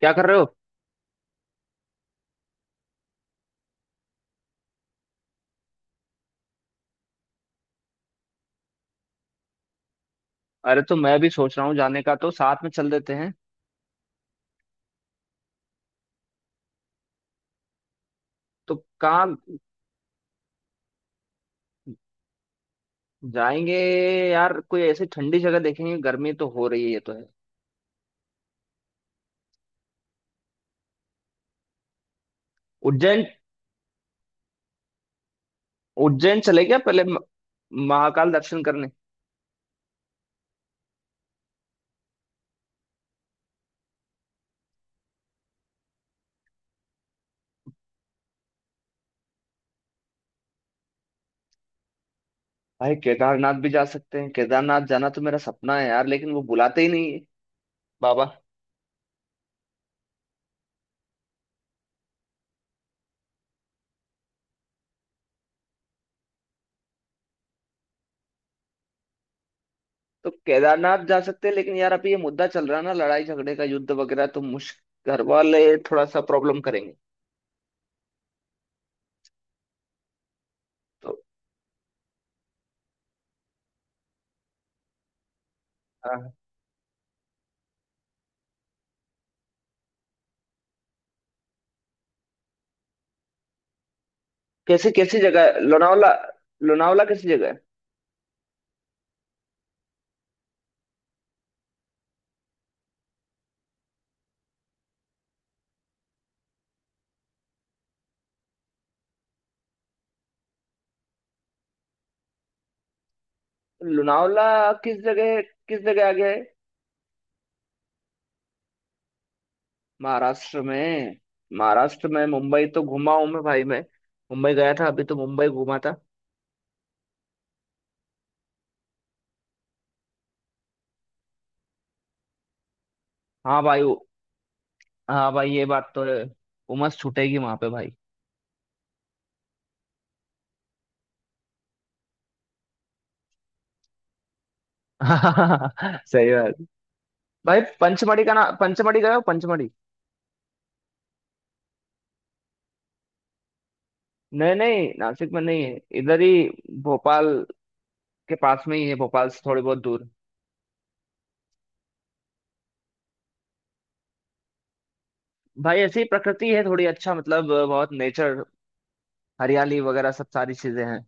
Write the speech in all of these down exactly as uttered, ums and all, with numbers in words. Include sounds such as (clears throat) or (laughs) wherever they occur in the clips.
क्या कर रहे हो? अरे तो मैं भी सोच रहा हूँ जाने का, तो साथ में चल देते हैं। तो कहाँ जाएंगे? यार कोई ऐसी ठंडी जगह देखेंगे। गर्मी तो हो रही है, ये तो है। उज्जैन। उज्जैन चले क्या पहले? म- महाकाल दर्शन करने। भाई केदारनाथ भी जा सकते हैं। केदारनाथ जाना तो मेरा सपना है यार, लेकिन वो बुलाते ही नहीं है बाबा। तो केदारनाथ जा सकते हैं, लेकिन यार अभी ये मुद्दा चल रहा है ना, लड़ाई झगड़े का युद्ध वगैरह। तो मुश्किल, घर वाले थोड़ा सा प्रॉब्लम करेंगे। तो हाँ। कैसे कैसी जगह है? लोनावला। लोनावला कैसी जगह है? लोनावला किस जगह, किस जगह आ गया है? महाराष्ट्र में? महाराष्ट्र में मुंबई तो घुमा हूं मैं भाई। मैं मुंबई गया था, अभी तो मुंबई घूमा था। हाँ भाई वो- हाँ भाई ये बात तो है। उमस छूटेगी वहां पे भाई। (laughs) सही बात। भाई पंचमढ़ी का ना, पंचमढ़ी गए हो? पंचमढ़ी। नहीं नहीं नासिक में नहीं है, इधर ही। भोपाल के पास में ही है, भोपाल से थोड़ी बहुत दूर। भाई ऐसी प्रकृति है थोड़ी, अच्छा मतलब बहुत नेचर, हरियाली वगैरह सब सारी चीजें हैं।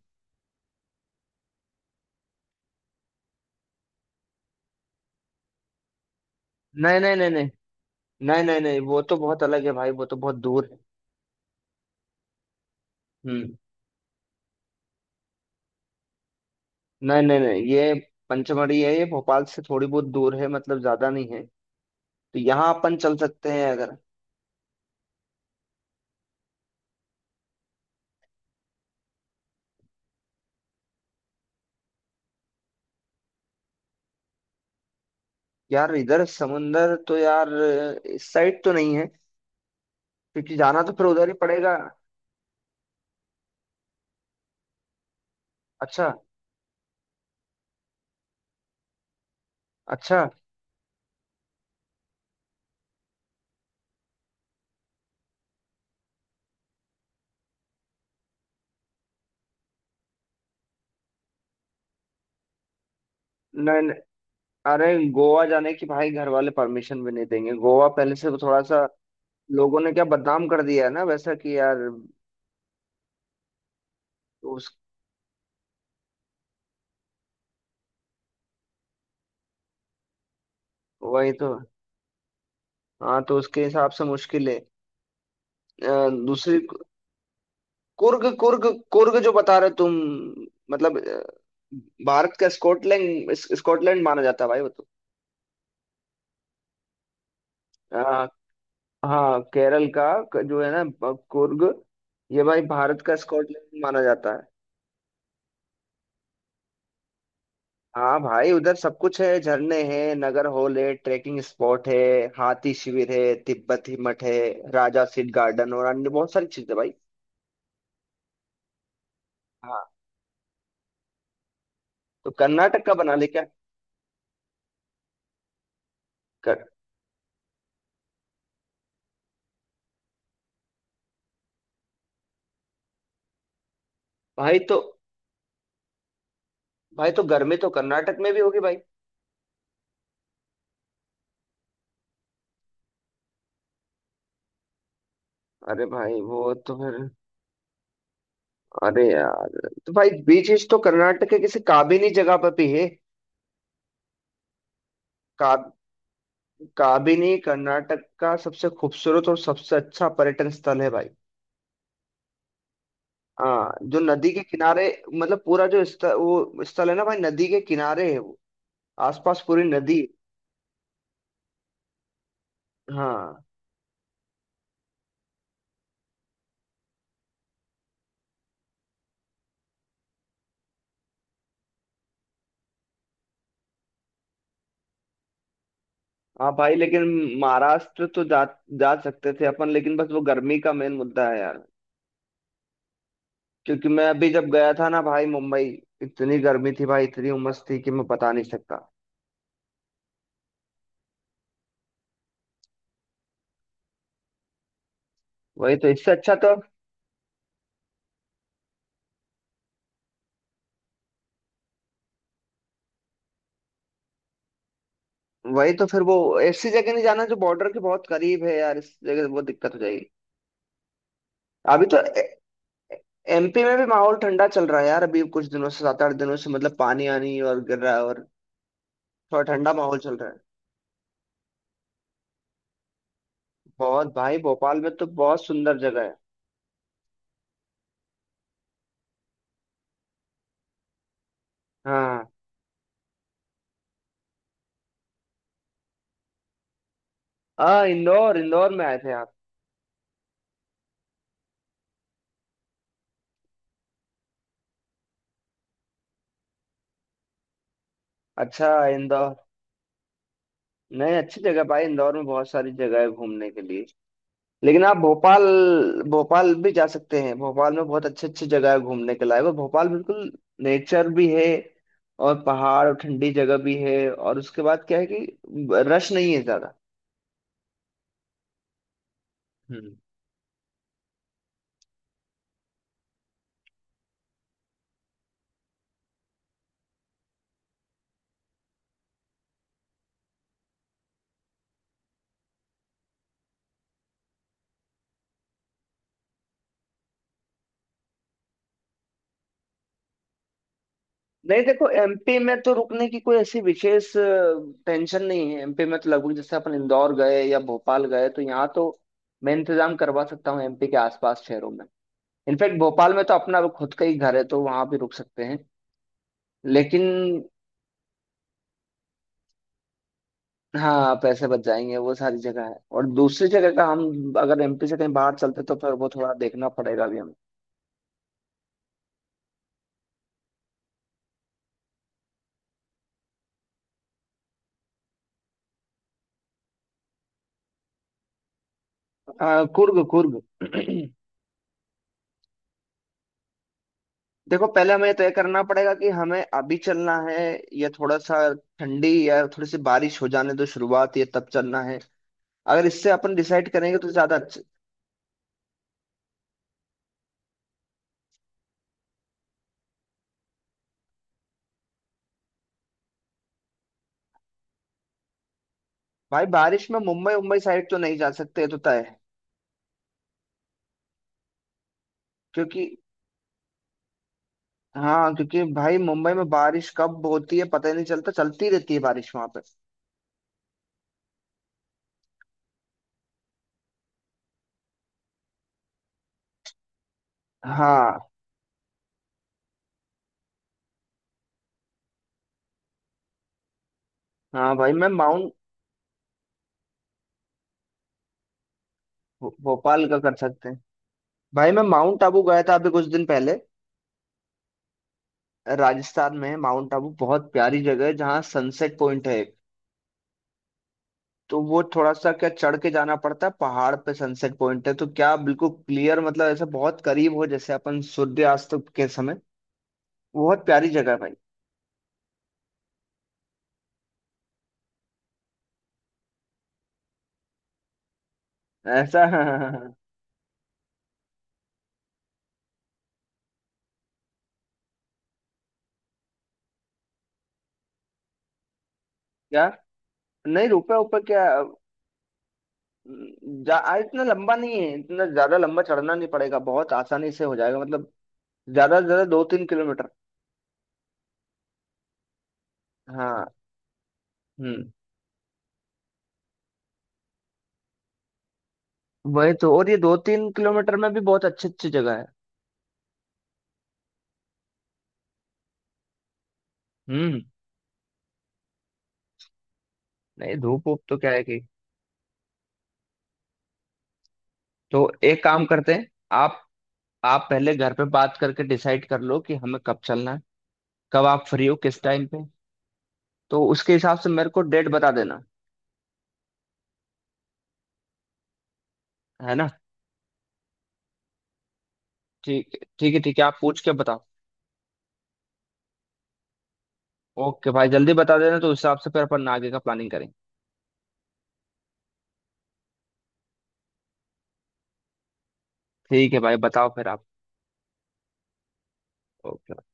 नहीं नहीं नहीं नहीं। नहीं नहीं नहीं, वो तो बहुत अलग है भाई, वो तो बहुत दूर है। हम्म। नहीं नहीं नहीं, ये पंचमढ़ी है। ये भोपाल से थोड़ी बहुत दूर है, मतलब ज्यादा नहीं है। तो यहाँ अपन चल सकते हैं अगर। यार इधर समुंदर तो यार इस साइड तो नहीं है। क्योंकि जाना तो फिर उधर ही पड़ेगा। अच्छा। अच्छा। नहीं नहीं, अरे गोवा जाने की भाई घर वाले परमिशन भी नहीं देंगे। गोवा पहले से थोड़ा सा लोगों ने क्या बदनाम कर दिया है ना, वैसा कि यार। उस वही तो। हाँ, तो उसके हिसाब से मुश्किल है। अ, दूसरी। कुर्ग, कुर्ग। कुर्ग जो बता रहे तुम। मतलब अ, भारत का स्कॉटलैंड, स्कॉटलैंड माना जाता है भाई वो तो। हाँ। हाँ केरल का। क- जो है ना ब- कुर्ग। ये भाई भारत का स्कॉटलैंड माना जाता है। हाँ भाई उधर सब कुछ है। झरने हैं, नगर हॉल है, ट्रैकिंग स्पॉट है, हाथी शिविर है, तिब्बती मठ है, राजा सीट गार्डन और अन्य बहुत सारी चीजें भाई। हाँ तो कर्नाटक का बना ले क्या? कर भाई तो। भाई तो गर्मी तो कर्नाटक में भी होगी भाई। अरे भाई वो तो फिर। अरे यार तो भाई बीचेस तो कर्नाटक के किसी काबिनी जगह पर भी है। का, काबिनी कर्नाटक का सबसे खूबसूरत और सबसे अच्छा पर्यटन स्थल है भाई। हाँ जो नदी के किनारे, मतलब पूरा जो स्थ, वो स्थल है ना भाई, नदी के किनारे है वो। आसपास पूरी नदी है। हाँ। हाँ भाई लेकिन महाराष्ट्र तो जा जा सकते थे अपन, लेकिन बस वो गर्मी का मेन मुद्दा है यार। क्योंकि मैं अभी जब गया था ना भाई मुंबई, इतनी गर्मी थी भाई, इतनी उमस थी कि मैं बता नहीं सकता। वही तो, इससे अच्छा तो। वही तो फिर वो। ऐसी जगह नहीं जाना जो बॉर्डर के बहुत करीब है यार, इस जगह बहुत दिक्कत हो जाएगी। अभी तो एमपी में भी माहौल ठंडा चल रहा है यार। अभी कुछ दिनों से, सात आठ दिनों से, मतलब पानी आनी और गिर रहा है, और थोड़ा ठंडा माहौल चल रहा है। बहुत भाई, भोपाल में तो बहुत सुंदर जगह है। हाँ। हाँ इंदौर, इंदौर में आए थे आप? अच्छा। इंदौर। नहीं, अच्छी जगह भाई। इंदौर में बहुत सारी जगह है घूमने के लिए। लेकिन आप भोपाल, भोपाल भी जा सकते हैं। भोपाल में बहुत अच्छे अच्छे जगह है घूमने के लायक, और भोपाल बिल्कुल नेचर भी है, और पहाड़ और ठंडी जगह भी है। और उसके बाद क्या है कि रश नहीं है ज्यादा। हम्म। नहीं देखो, एमपी में तो रुकने की कोई ऐसी विशेष टेंशन नहीं है। एमपी में तो लगभग, जैसे अपन इंदौर गए या भोपाल गए, तो यहाँ तो मैं इंतजाम करवा सकता हूँ एमपी के आसपास शहरों में। इनफैक्ट भोपाल में तो अपना खुद का ही घर है, तो वहां भी रुक सकते हैं। लेकिन हाँ, पैसे बच जाएंगे। वो सारी जगह है, और दूसरी जगह का हम अगर एमपी से कहीं बाहर चलते तो फिर वो थोड़ा देखना पड़ेगा भी हमें। आ, कुर्ग, कुर्ग। (clears throat) देखो, पहले हमें तय करना पड़ेगा कि हमें अभी चलना है, या थोड़ा सा ठंडी या थोड़ी सी बारिश हो जाने दो शुरुआत, या तब चलना है। अगर इससे अपन डिसाइड करेंगे तो ज्यादा अच्छा। भाई बारिश में मुंबई, मुंबई साइड तो नहीं जा सकते, ये तो तय है। क्योंकि, हाँ, क्योंकि भाई मुंबई में बारिश कब होती है पता ही नहीं चलता, चलती रहती है बारिश वहां पे। हाँ। हाँ भाई मैं माउंट। भो- भोपाल का कर सकते हैं। भाई मैं माउंट आबू गया था अभी कुछ दिन पहले। राजस्थान में है माउंट आबू, बहुत प्यारी जगह है, जहाँ सनसेट पॉइंट है एक। तो वो थोड़ा सा क्या चढ़ के जाना पड़ता है पहाड़ पे। सनसेट पॉइंट है तो क्या बिल्कुल क्लियर, मतलब ऐसा बहुत करीब हो जैसे अपन सूर्यास्त के समय। बहुत प्यारी जगह है भाई। ऐसा। (laughs) क्या? नहीं रुपए ऊपर क्या? जा आ, इतना लंबा नहीं है, इतना ज्यादा लंबा चढ़ना नहीं पड़ेगा, बहुत आसानी से हो जाएगा मतलब। ज्यादा से ज्यादा दो तीन किलोमीटर। हाँ। हम्म। वही तो, और ये दो तीन किलोमीटर में भी बहुत अच्छी अच्छी जगह है। हम्म। नहीं धूप वूप तो क्या है कि। तो एक काम करते हैं। आप आप पहले घर पे बात करके डिसाइड कर लो कि हमें कब चलना है, कब आप फ्री हो किस टाइम पे। तो उसके हिसाब से मेरे को डेट बता देना। है ना। ठीक, ठीक है ठीक है, आप पूछ के बताओ। ओके भाई, जल्दी बता देना, तो उस हिसाब से फिर अपन आगे का प्लानिंग करें। ठीक है भाई, बताओ फिर आप। ओके।